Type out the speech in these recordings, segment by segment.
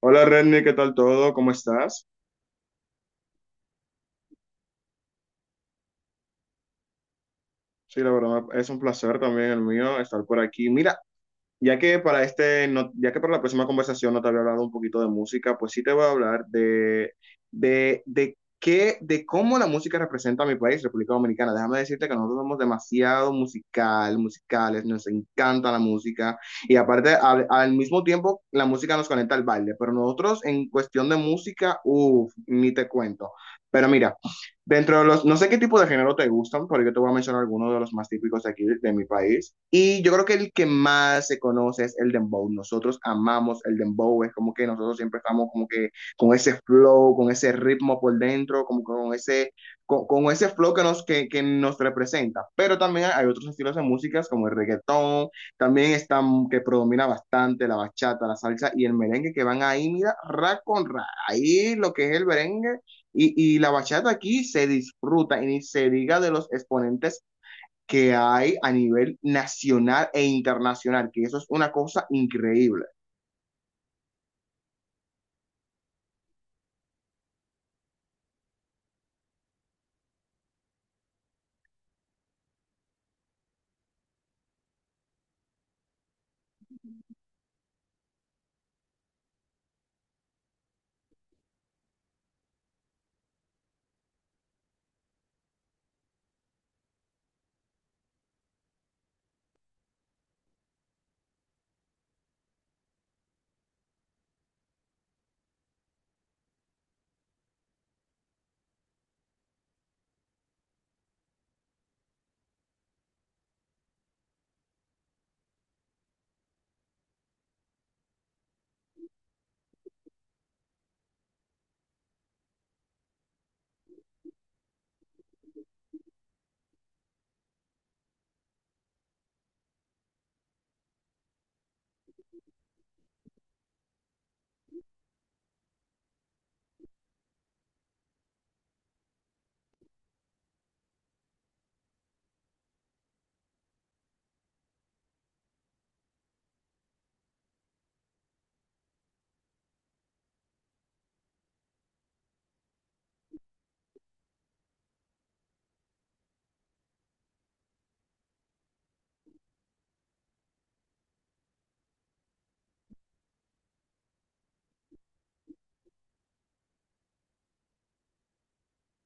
Hola Renny, ¿qué tal todo? ¿Cómo estás? Sí, la verdad es un placer también el mío estar por aquí. Mira, ya que para la próxima conversación no te había hablado un poquito de música, pues sí te voy a hablar de de cómo la música representa a mi país, República Dominicana. Déjame decirte que nosotros somos demasiado musicales, nos encanta la música y aparte al mismo tiempo la música nos conecta al baile, pero nosotros en cuestión de música, uff, ni te cuento. Pero mira. Dentro de los, no sé qué tipo de género te gustan, pero yo te voy a mencionar algunos de los más típicos de aquí, de mi país. Y yo creo que el que más se conoce es el dembow. Nosotros amamos el dembow, es como que nosotros siempre estamos como que con ese flow, con ese ritmo por dentro, como que con ese flow que nos representa. Pero también hay otros estilos de músicas como el reggaetón, también están que predomina bastante la bachata, la salsa y el merengue que van ahí, mira, ra con ra. Ahí lo que es el merengue y la bachata aquí se disfruta y ni se diga de los exponentes que hay a nivel nacional e internacional, que eso es una cosa increíble.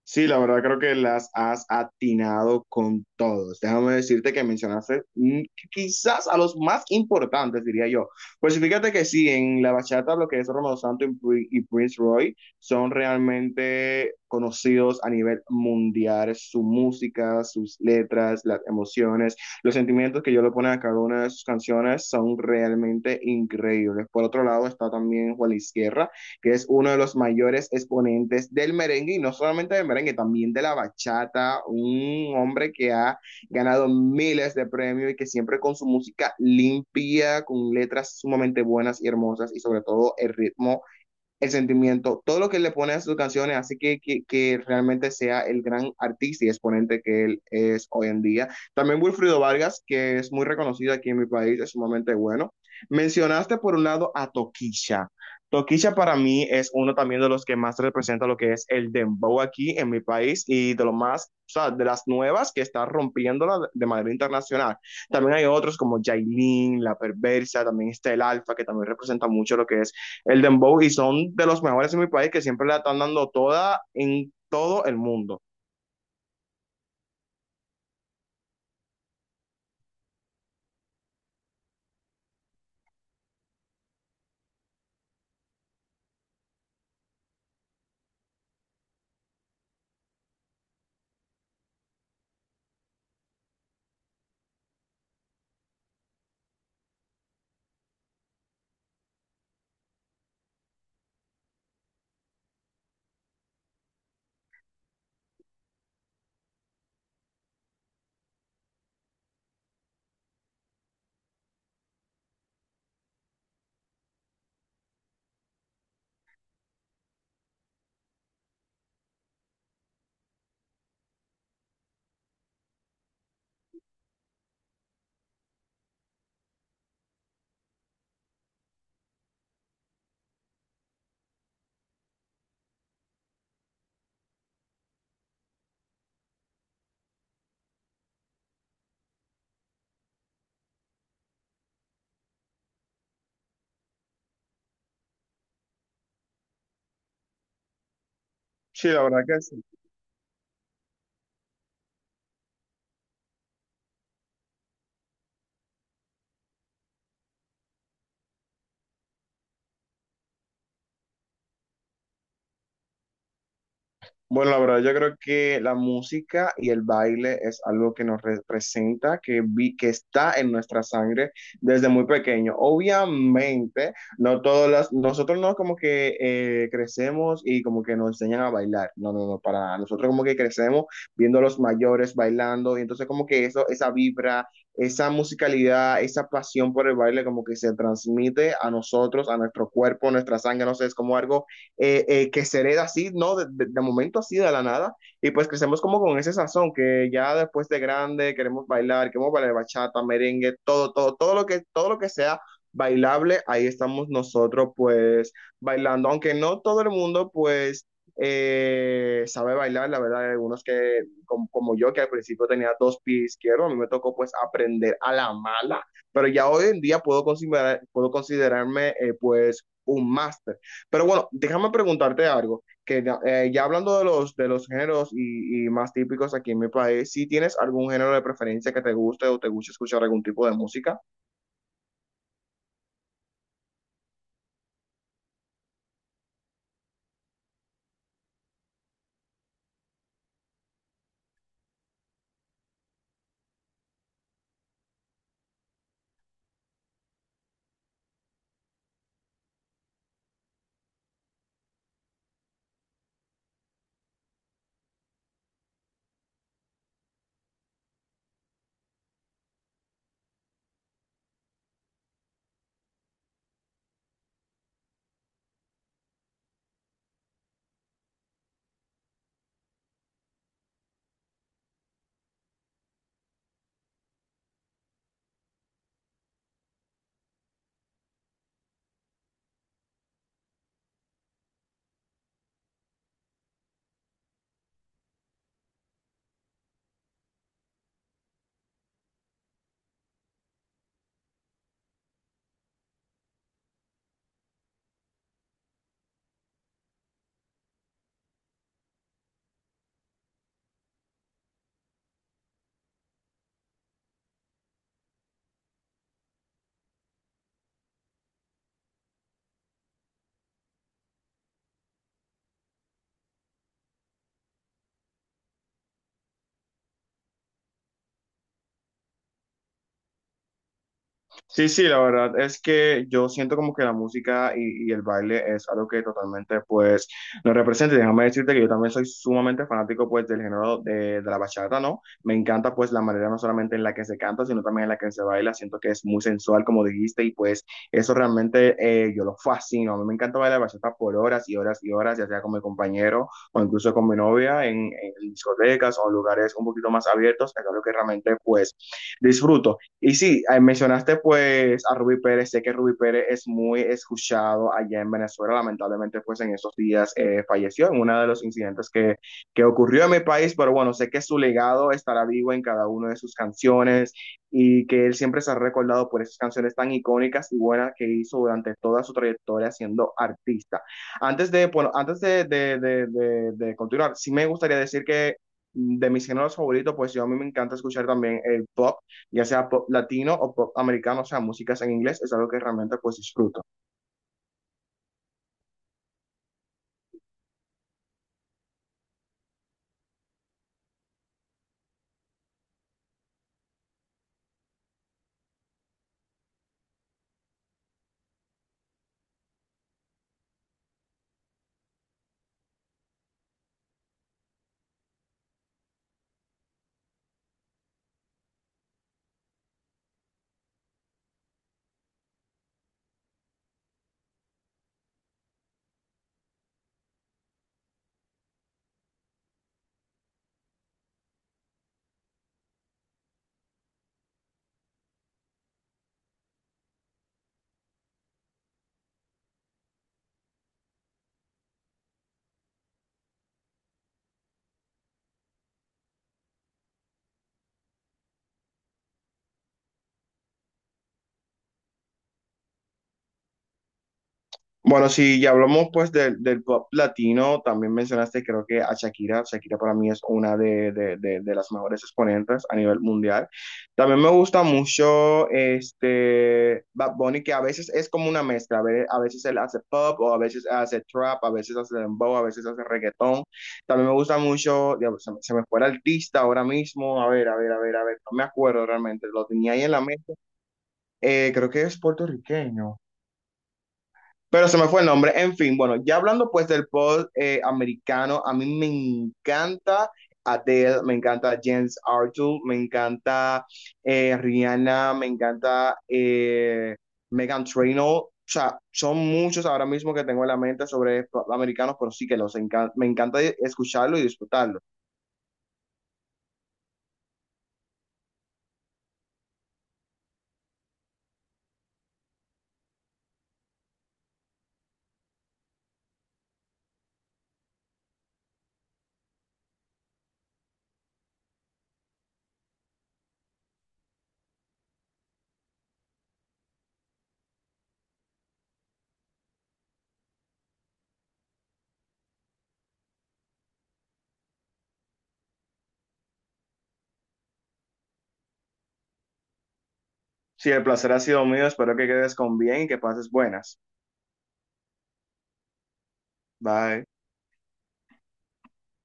Sí, la verdad creo que las has atinado con todos. Déjame decirte que mencionaste quizás a los más importantes, diría yo. Pues sí, fíjate que sí, en la bachata lo que es Romeo Santos y Prince Roy son realmente conocidos a nivel mundial. Su música, sus letras, las emociones, los sentimientos que yo le ponen a cada una de sus canciones son realmente increíbles. Por otro lado está también Juan Luis Guerra, que es uno de los mayores exponentes del merengue y no solamente del merengue, también de la bachata, un hombre que ha ganado miles de premios y que siempre con su música limpia, con letras sumamente buenas y hermosas y sobre todo el ritmo, el sentimiento, todo lo que le pone a sus canciones, así que realmente sea el gran artista y exponente que él es hoy en día. También Wilfrido Vargas, que es muy reconocido aquí en mi país, es sumamente bueno. Mencionaste por un lado a Toquilla. Toquilla para mí es uno también de los que más representa lo que es el dembow aquí en mi país y de lo más, o sea, de las nuevas que está rompiéndola de manera internacional. También hay otros como Jailin, La Perversa, también está el Alfa, que también representa mucho lo que es el dembow y son de los mejores en mi país que siempre la están dando toda en todo el mundo. Sí, la verdad que sí. Bueno, la verdad, yo creo que la música y el baile es algo que nos representa, que está en nuestra sangre desde muy pequeño. Obviamente, no todas las, nosotros no como que crecemos y como que nos enseñan a bailar. No, no, no, para nada. Nosotros como que crecemos viendo a los mayores bailando y entonces como que eso, esa vibra, esa musicalidad, esa pasión por el baile como que se transmite a nosotros, a nuestro cuerpo, a nuestra sangre, no sé, es como algo que se hereda así, ¿no? De momento así, de la nada, y pues crecemos como con ese sazón, que ya después de grande queremos bailar bachata, merengue, todo lo todo lo que sea bailable, ahí estamos nosotros pues bailando, aunque no todo el mundo pues sabe bailar, la verdad, hay algunos que como, yo que al principio tenía dos pies izquierdos, a mí me tocó pues aprender a la mala, pero ya hoy en día considerar, puedo considerarme pues un máster. Pero bueno, déjame preguntarte algo, que ya hablando de los géneros y más típicos aquí en mi país, ¿si tienes algún género de preferencia que te guste o te guste escuchar algún tipo de música? Sí, sí, la verdad es que yo siento como que la música y el baile es algo que totalmente pues nos representa. Y déjame decirte que yo también soy sumamente fanático pues del género de la bachata, ¿no? Me encanta pues la manera no solamente en la que se canta, sino también en la que se baila. Siento que es muy sensual, como dijiste, y pues eso realmente yo lo fascino. A mí me encanta bailar bachata por horas y horas y horas, ya sea con mi compañero o incluso con mi novia en discotecas o en lugares un poquito más abiertos. Es algo que realmente pues disfruto. Y sí, mencionaste pues a Rubí Pérez, sé que Rubí Pérez es muy escuchado allá en Venezuela, lamentablemente pues en esos días falleció en uno de los incidentes que ocurrió en mi país, pero bueno, sé que su legado estará vivo en cada una de sus canciones y que él siempre se ha recordado por esas canciones tan icónicas y buenas que hizo durante toda su trayectoria siendo artista. Antes de, bueno, antes de continuar, sí me gustaría decir que de mis géneros favoritos, pues yo a mí me encanta escuchar también el pop, ya sea pop latino o pop americano, o sea, músicas en inglés, es algo que realmente pues disfruto. Bueno, si ya hablamos pues del pop latino, también mencionaste creo que a Shakira, Shakira para mí es una de las mejores exponentes a nivel mundial. También me gusta mucho este Bad Bunny, que a veces es como una mezcla, a veces él hace pop o a veces hace trap, a veces hace dembow, a veces hace reggaetón. También me gusta mucho, diablo, se me fue el artista ahora mismo, a ver, a ver, a ver, a ver, no me acuerdo realmente, lo tenía ahí en la mente. Creo que es puertorriqueño. Pero se me fue el nombre. En fin, bueno, ya hablando pues del pop americano, a mí me encanta Adele, me encanta James Arthur, me encanta Rihanna, me encanta Megan Trainor. O sea, son muchos ahora mismo que tengo en la mente sobre pop americanos, pero sí que me encanta escucharlo y disfrutarlo. Si el placer ha sido mío, espero que quedes con bien y que pases buenas. Bye.